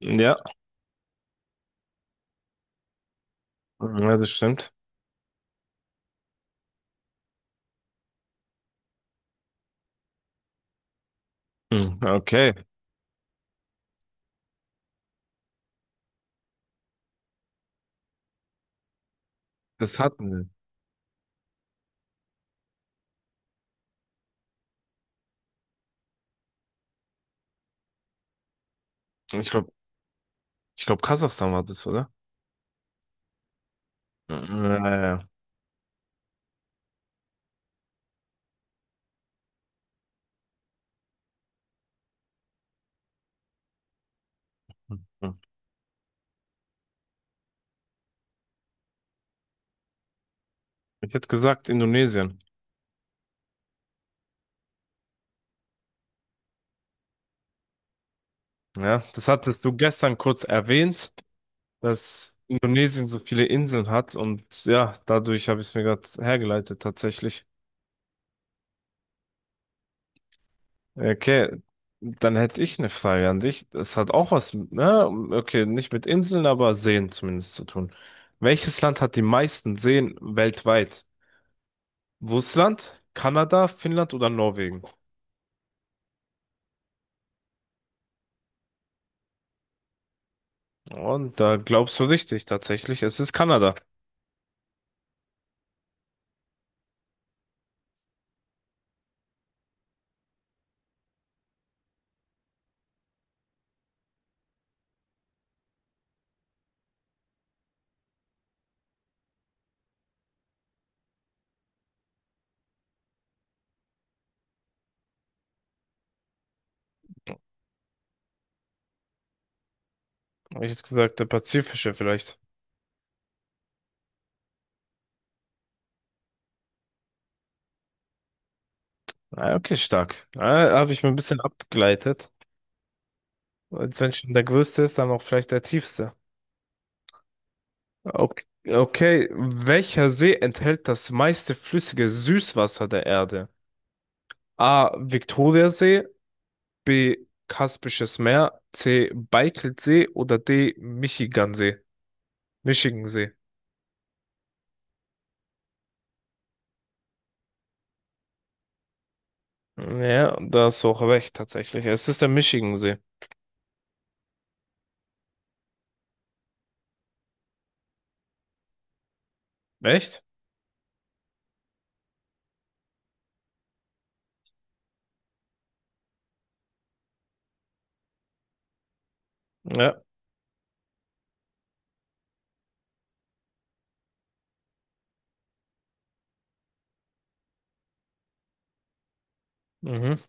Ja, ja, das stimmt. Hm, okay, das hatten wir. Ich glaube, ich glaube, Kasachstan war das, oder? Naja. Ich hätte gesagt Indonesien. Ja, das hattest du gestern kurz erwähnt, dass Indonesien so viele Inseln hat und ja, dadurch habe ich es mir gerade hergeleitet tatsächlich. Okay, dann hätte ich eine Frage an dich. Das hat auch was, ne? Okay, nicht mit Inseln, aber Seen zumindest zu tun. Welches Land hat die meisten Seen weltweit? Russland, Kanada, Finnland oder Norwegen? Und da glaubst du richtig, tatsächlich. Es ist Kanada. Habe ich jetzt gesagt, der Pazifische vielleicht. Ah, okay, stark. Ah, habe ich mir ein bisschen abgeleitet. Als wenn schon der größte ist, dann auch vielleicht der tiefste. Okay. Okay, welcher See enthält das meiste flüssige Süßwasser der Erde? A. Viktoriasee, B. Kaspisches Meer, C. Baikalsee oder D. Michigansee? Michigansee. Ja, da hast du auch recht, tatsächlich. Es ist der Michigansee. Echt? Ja. Mhm.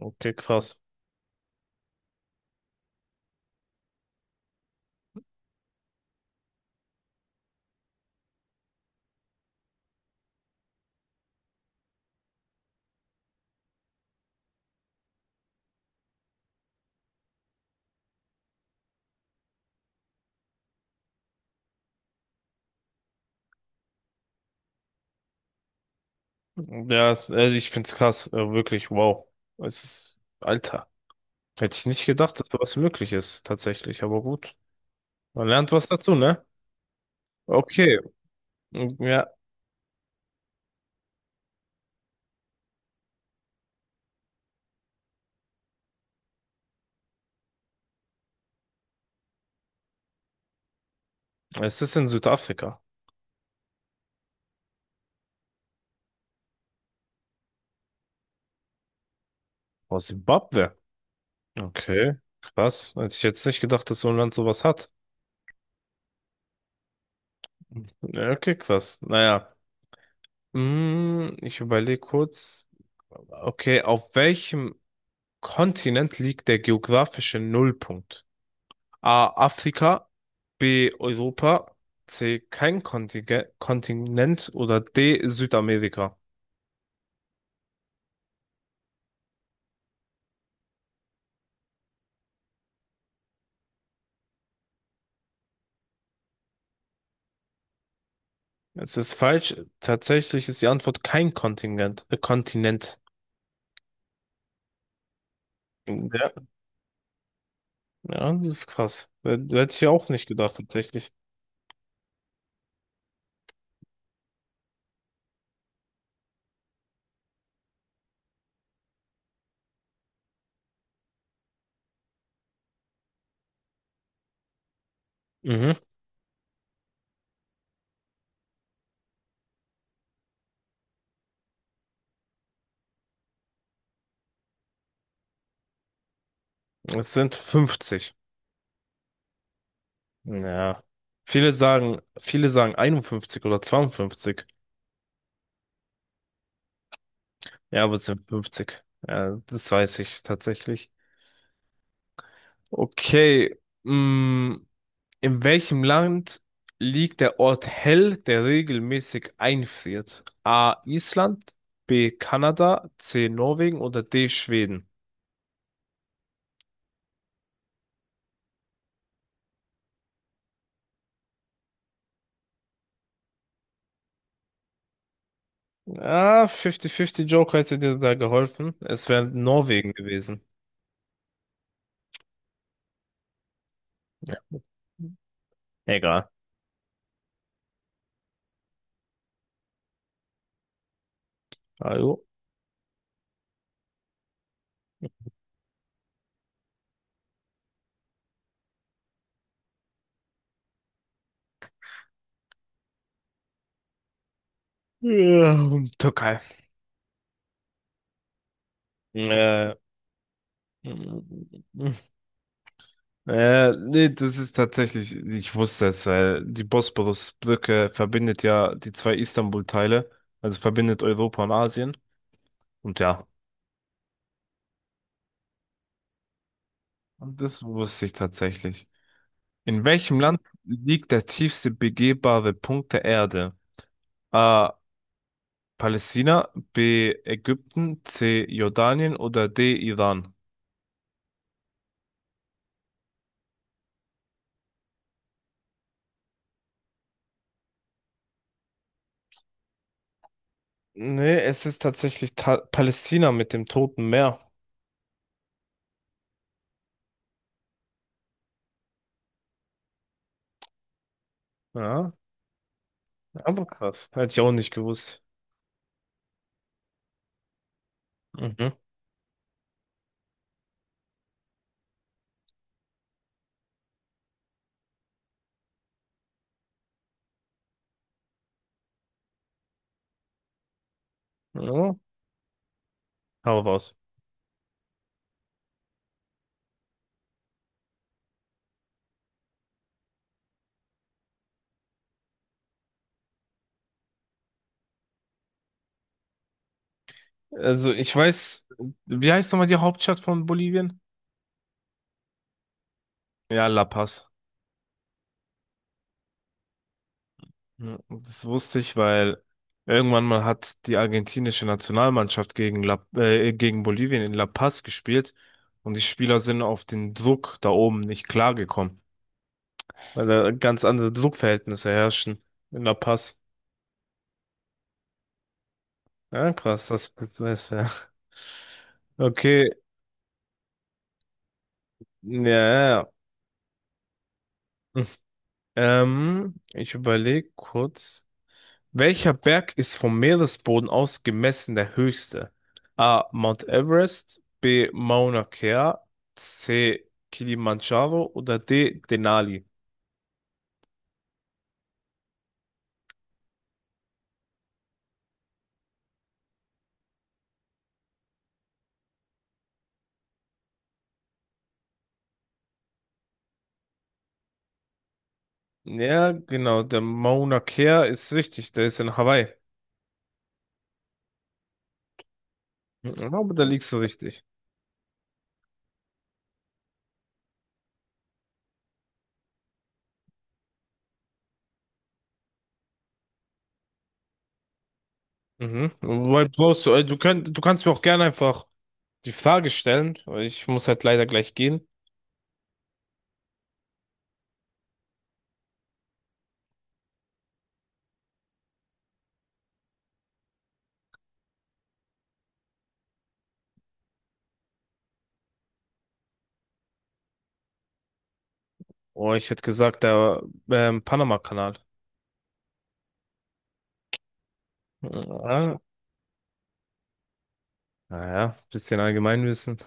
Okay, krass. Ja, also ich find's krass. Wirklich, wow. Es ist, Alter. Hätte ich nicht gedacht, dass sowas möglich ist, tatsächlich. Aber gut. Man lernt was dazu, ne? Okay. Mm, ja, es ist in Südafrika. Aus Simbabwe. Okay, krass. Hätte ich jetzt nicht gedacht, dass so ein Land sowas hat. Ja, okay, krass. Naja. Ich überlege kurz. Okay, auf welchem Kontinent liegt der geografische Nullpunkt? A. Afrika, B. Europa, C. Kein Kontinent oder D. Südamerika. Es ist falsch. Tatsächlich ist die Antwort kein Kontinent. Ja. Ja, das ist krass. Hätte ich auch nicht gedacht, tatsächlich. Mhm. Es sind 50. Ja. Viele sagen 51 oder 52. Ja, aber es sind 50. Ja, das weiß ich tatsächlich. Okay, mm, in welchem Land liegt der Ort Hell, der regelmäßig einfriert? A. Island, B. Kanada, C. Norwegen oder D. Schweden? Ah, 50-50 Joker hätte dir da geholfen. Es wäre Norwegen gewesen. Egal. Also. Ja, Türkei. Äh, nee, das ist tatsächlich, ich wusste es, weil die Bosporus-Brücke verbindet ja die zwei Istanbul-Teile, also verbindet Europa und Asien. Und ja, und das wusste ich tatsächlich. In welchem Land liegt der tiefste begehbare Punkt der Erde? A. Palästina, B. Ägypten, C. Jordanien oder D. Iran? Nee, es ist tatsächlich ta Palästina mit dem Toten Meer. Ja, aber krass. Hätte ich auch nicht gewusst. Mhm. Ja, hau raus. Also ich weiß, wie heißt nochmal die Hauptstadt von Bolivien? Ja, La Paz. Ja, das wusste ich, weil irgendwann mal hat die argentinische Nationalmannschaft gegen gegen Bolivien in La Paz gespielt und die Spieler sind auf den Druck da oben nicht klargekommen, weil da ganz andere Druckverhältnisse herrschen in La Paz. Ja, krass, das weiß ja. Okay, ja, ja. Ja. Ich überlege kurz. Welcher Berg ist vom Meeresboden aus gemessen der höchste? A. Mount Everest, B. Mauna Kea, C. Kilimanjaro oder D. Denali? Ja, genau, der Mauna Kea ist richtig, der ist in Hawaii. Aber da liegst du richtig. Mhm. Wobei brauchst du, du könnt, du kannst mir auch gerne einfach die Frage stellen, weil ich muss halt leider gleich gehen. Oh, ich hätte gesagt, der Panama-Kanal. Ja, naja, bisschen Allgemeinwissen.